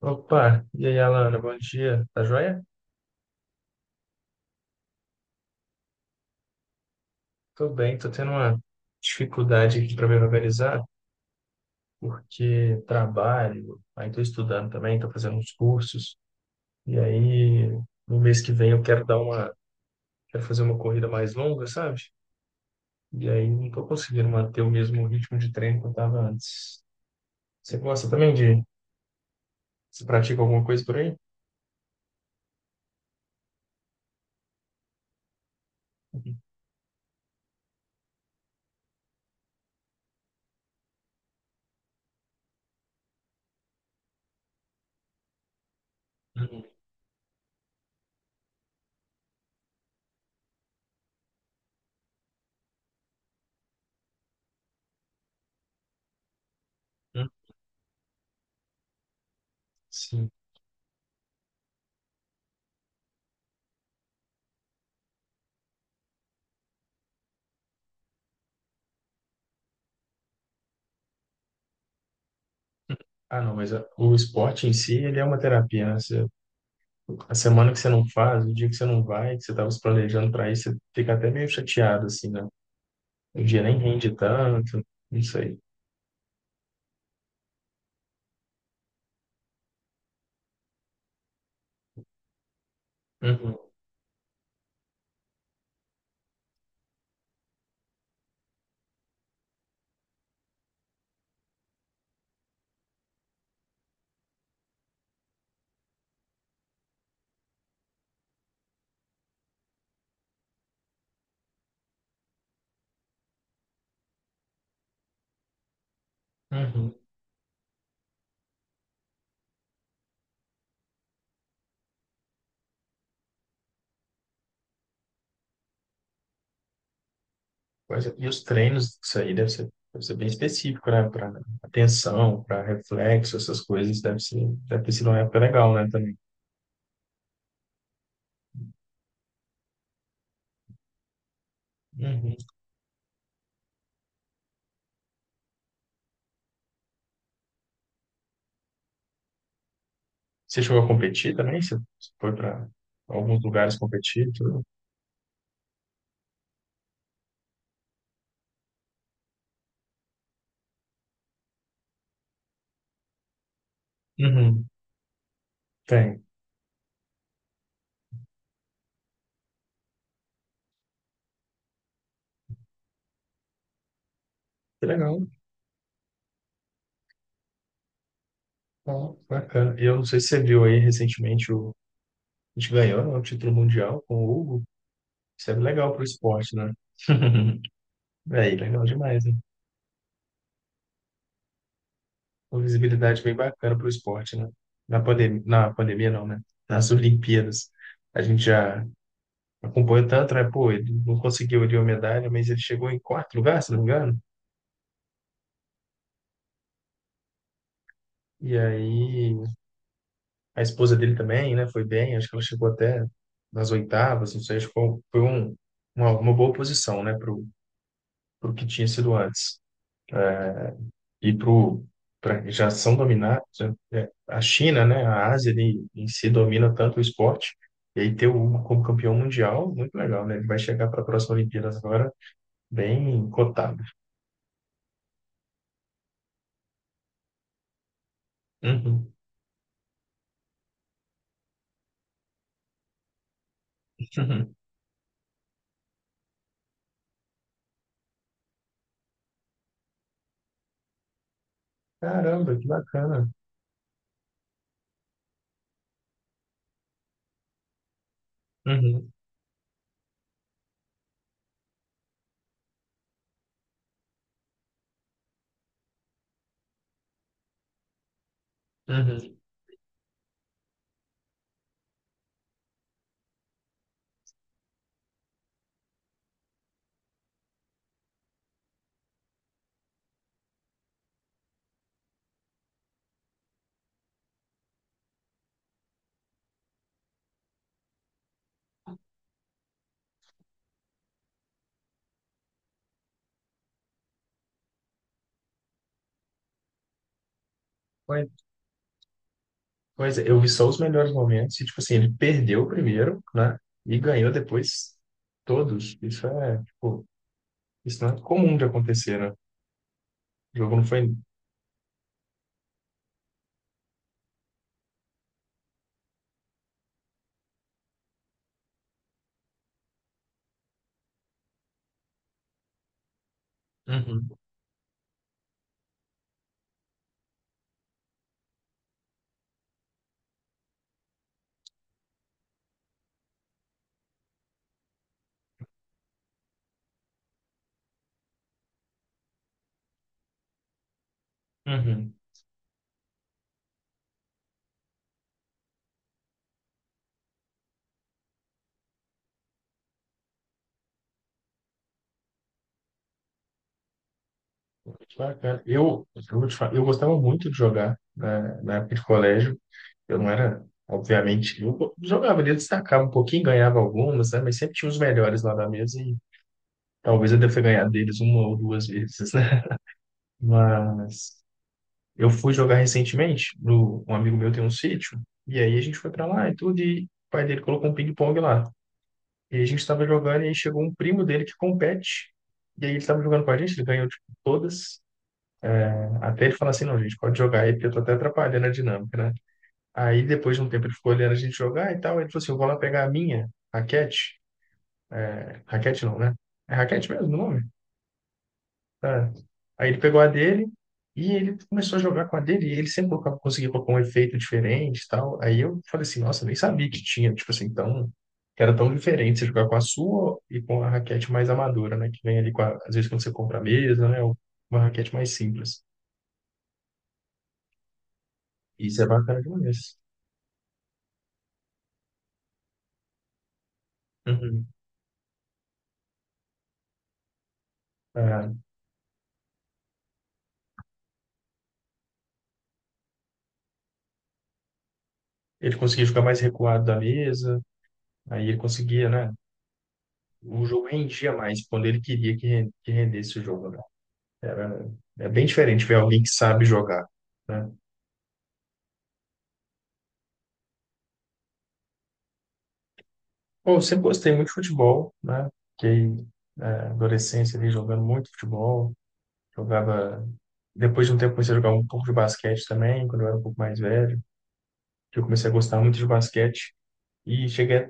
Opa, e aí, Alana, bom dia. Tá joia? Tô bem, tô tendo uma dificuldade aqui para me organizar, porque trabalho, aí tô estudando também, tô fazendo uns cursos, e aí no mês que vem eu quero fazer uma corrida mais longa, sabe? E aí não tô conseguindo manter o mesmo ritmo de treino que eu tava antes. Você gosta também de, Você pratica alguma coisa por aí? Uhum. Sim. Ah, não, mas o esporte em si, ele é uma terapia, né? A semana que você não faz, o dia que você não vai, que você estava se planejando para ir, você fica até meio chateado, assim, né? O dia nem rende tanto, não sei. Uhum, uhum. Pois é. E os treinos, isso aí deve ser bem específico, né? Para atenção, para reflexo, essas coisas, deve ter sido uma época legal, né, também. Uhum. Você chegou a competir também? Você foi para alguns lugares competir, e tudo? Uhum, tem. Que legal. Ó, bacana. E eu não sei se você viu aí recentemente, a gente ganhou, né, o título mundial com o Hugo. Isso é legal para o esporte, né? Aí, legal demais, né? Uma visibilidade bem bacana para o esporte, né? Na pandemia não, né? Nas Olimpíadas, a gente já acompanhou tanto, né? Pô, ele não conseguiu ali uma medalha, mas ele chegou em quarto lugar, se não me engano. E aí, a esposa dele também, né? Foi bem, acho que ela chegou até nas oitavas, não sei, acho que uma boa posição, né? Pro que tinha sido antes. E pra, já são dominados. A China, né, a Ásia ali, em si domina tanto o esporte, e aí ter o Hugo como campeão mundial, muito legal, né? Ele vai chegar para a próxima Olimpíadas agora bem cotado. Uhum. Uhum. Caramba, que bacana. Uhum. Uhum. Pois, pois é, eu vi só os melhores momentos, e tipo assim, ele perdeu o primeiro, né, e ganhou depois todos. Tipo, isso não é comum de acontecer, né? O jogo não foi. Uhum. Uhum. Bacana. Vou te falar, eu gostava muito de jogar na época de colégio. Eu não era, obviamente, eu jogava ali, eu destacava um pouquinho, ganhava algumas, né? Mas sempre tinha os melhores lá da mesa e talvez eu deva ter ganhado deles uma ou duas vezes, né? Mas eu fui jogar recentemente, no, um amigo meu tem um sítio, e aí a gente foi pra lá e tudo, e o pai dele colocou um ping-pong lá. E a gente tava jogando e aí chegou um primo dele que compete, e aí ele tava jogando com a gente, ele ganhou, tipo, todas. Até ele falar assim, não, gente, pode jogar aí, porque eu tô até atrapalhando a dinâmica, né? Aí depois de um tempo ele ficou olhando a gente jogar e tal, ele falou assim, eu vou lá pegar a minha, raquete. Raquete não, né? É raquete mesmo o nome? Tá. Aí ele pegou a dele e ele começou a jogar com a dele, e ele sempre conseguia colocar um efeito diferente e tal. Aí eu falei assim, nossa, nem sabia que tinha, tipo assim, que era tão diferente você jogar com a sua e com a raquete mais amadora, né? Que vem ali, às vezes, quando você compra a mesa, né? Uma raquete mais simples. Isso é bacana demais. Uhum. É. Ele conseguia jogar mais recuado da mesa, aí ele conseguia, né? O jogo rendia mais quando ele queria que rendesse o jogo, né? Era, é bem diferente ver alguém que sabe jogar, né? Bom, eu sempre gostei muito de futebol, né? Fiquei, é, adolescência ali jogando muito futebol, jogava. Depois de um tempo comecei a jogar um pouco de basquete também, quando eu era um pouco mais velho, que eu comecei a gostar muito de basquete e cheguei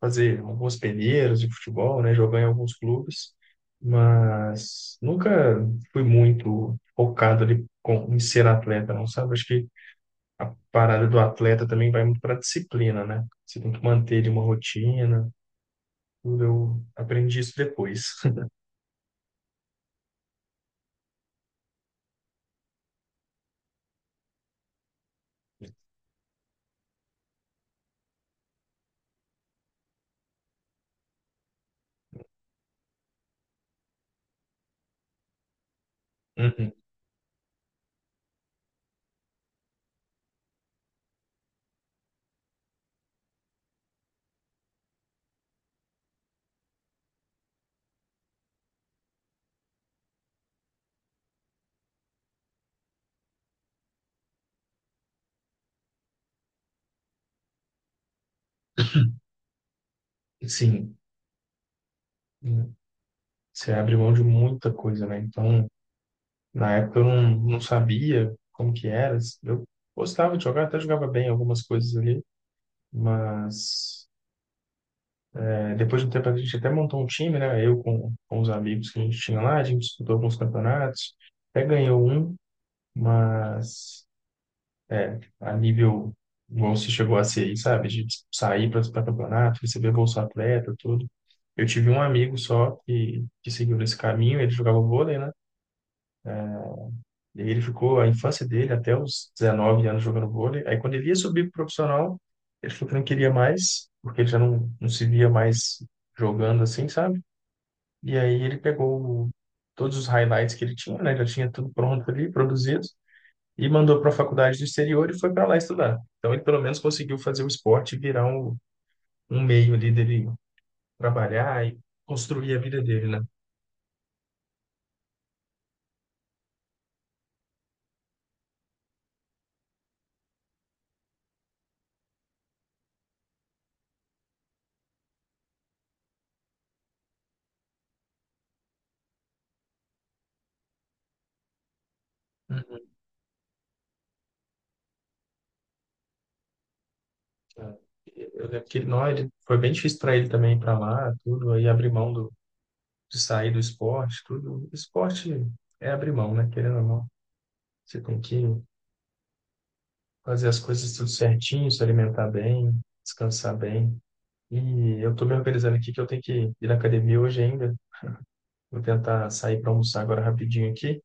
fazer algumas peneiras de futebol, né? Jogar em alguns clubes, mas nunca fui muito focado ali em ser atleta, não sabe? Acho que a parada do atleta também vai muito para a disciplina, né? Você tem que manter ali uma rotina, tudo. Eu aprendi isso depois. Uhum. Sim. Uhum. Você abre mão de muita coisa, né? Então, na época eu não sabia como que era. Eu gostava de jogar, até jogava bem algumas coisas ali, mas depois de um tempo a gente até montou um time, né? Eu com os amigos que a gente tinha lá, a gente disputou alguns campeonatos, até ganhou um, mas é, a nível igual se chegou a ser aí, sabe? De sair para campeonato, receber Bolsa Atleta, tudo. Eu tive um amigo só que seguiu nesse caminho, ele jogava vôlei, né? E ele ficou a infância dele até os 19 anos jogando vôlei. Aí quando ele ia subir pro profissional, ele falou que não queria mais, porque ele já não se via mais jogando assim, sabe? E aí ele pegou todos os highlights que ele tinha, né? Já tinha tudo pronto ali, produzido, e mandou para a faculdade do exterior e foi para lá estudar. Então ele pelo menos conseguiu fazer o esporte virar um meio ali dele trabalhar e construir a vida dele, né? Uhum. É. Eu lembro que ele, não, ele, foi bem difícil para ele também ir para lá, tudo, aí abrir mão de sair do esporte, tudo. Esporte é abrir mão, né? Querendo ou não, você tem que fazer as coisas tudo certinho, se alimentar bem, descansar bem. E eu tô me organizando aqui que eu tenho que ir na academia hoje ainda. Vou tentar sair para almoçar agora rapidinho aqui.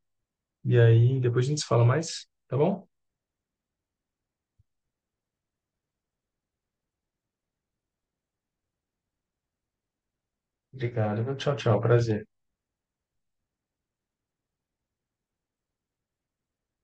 E aí depois a gente se fala mais, tá bom? Obrigado, viu? Tchau, tchau. Prazer.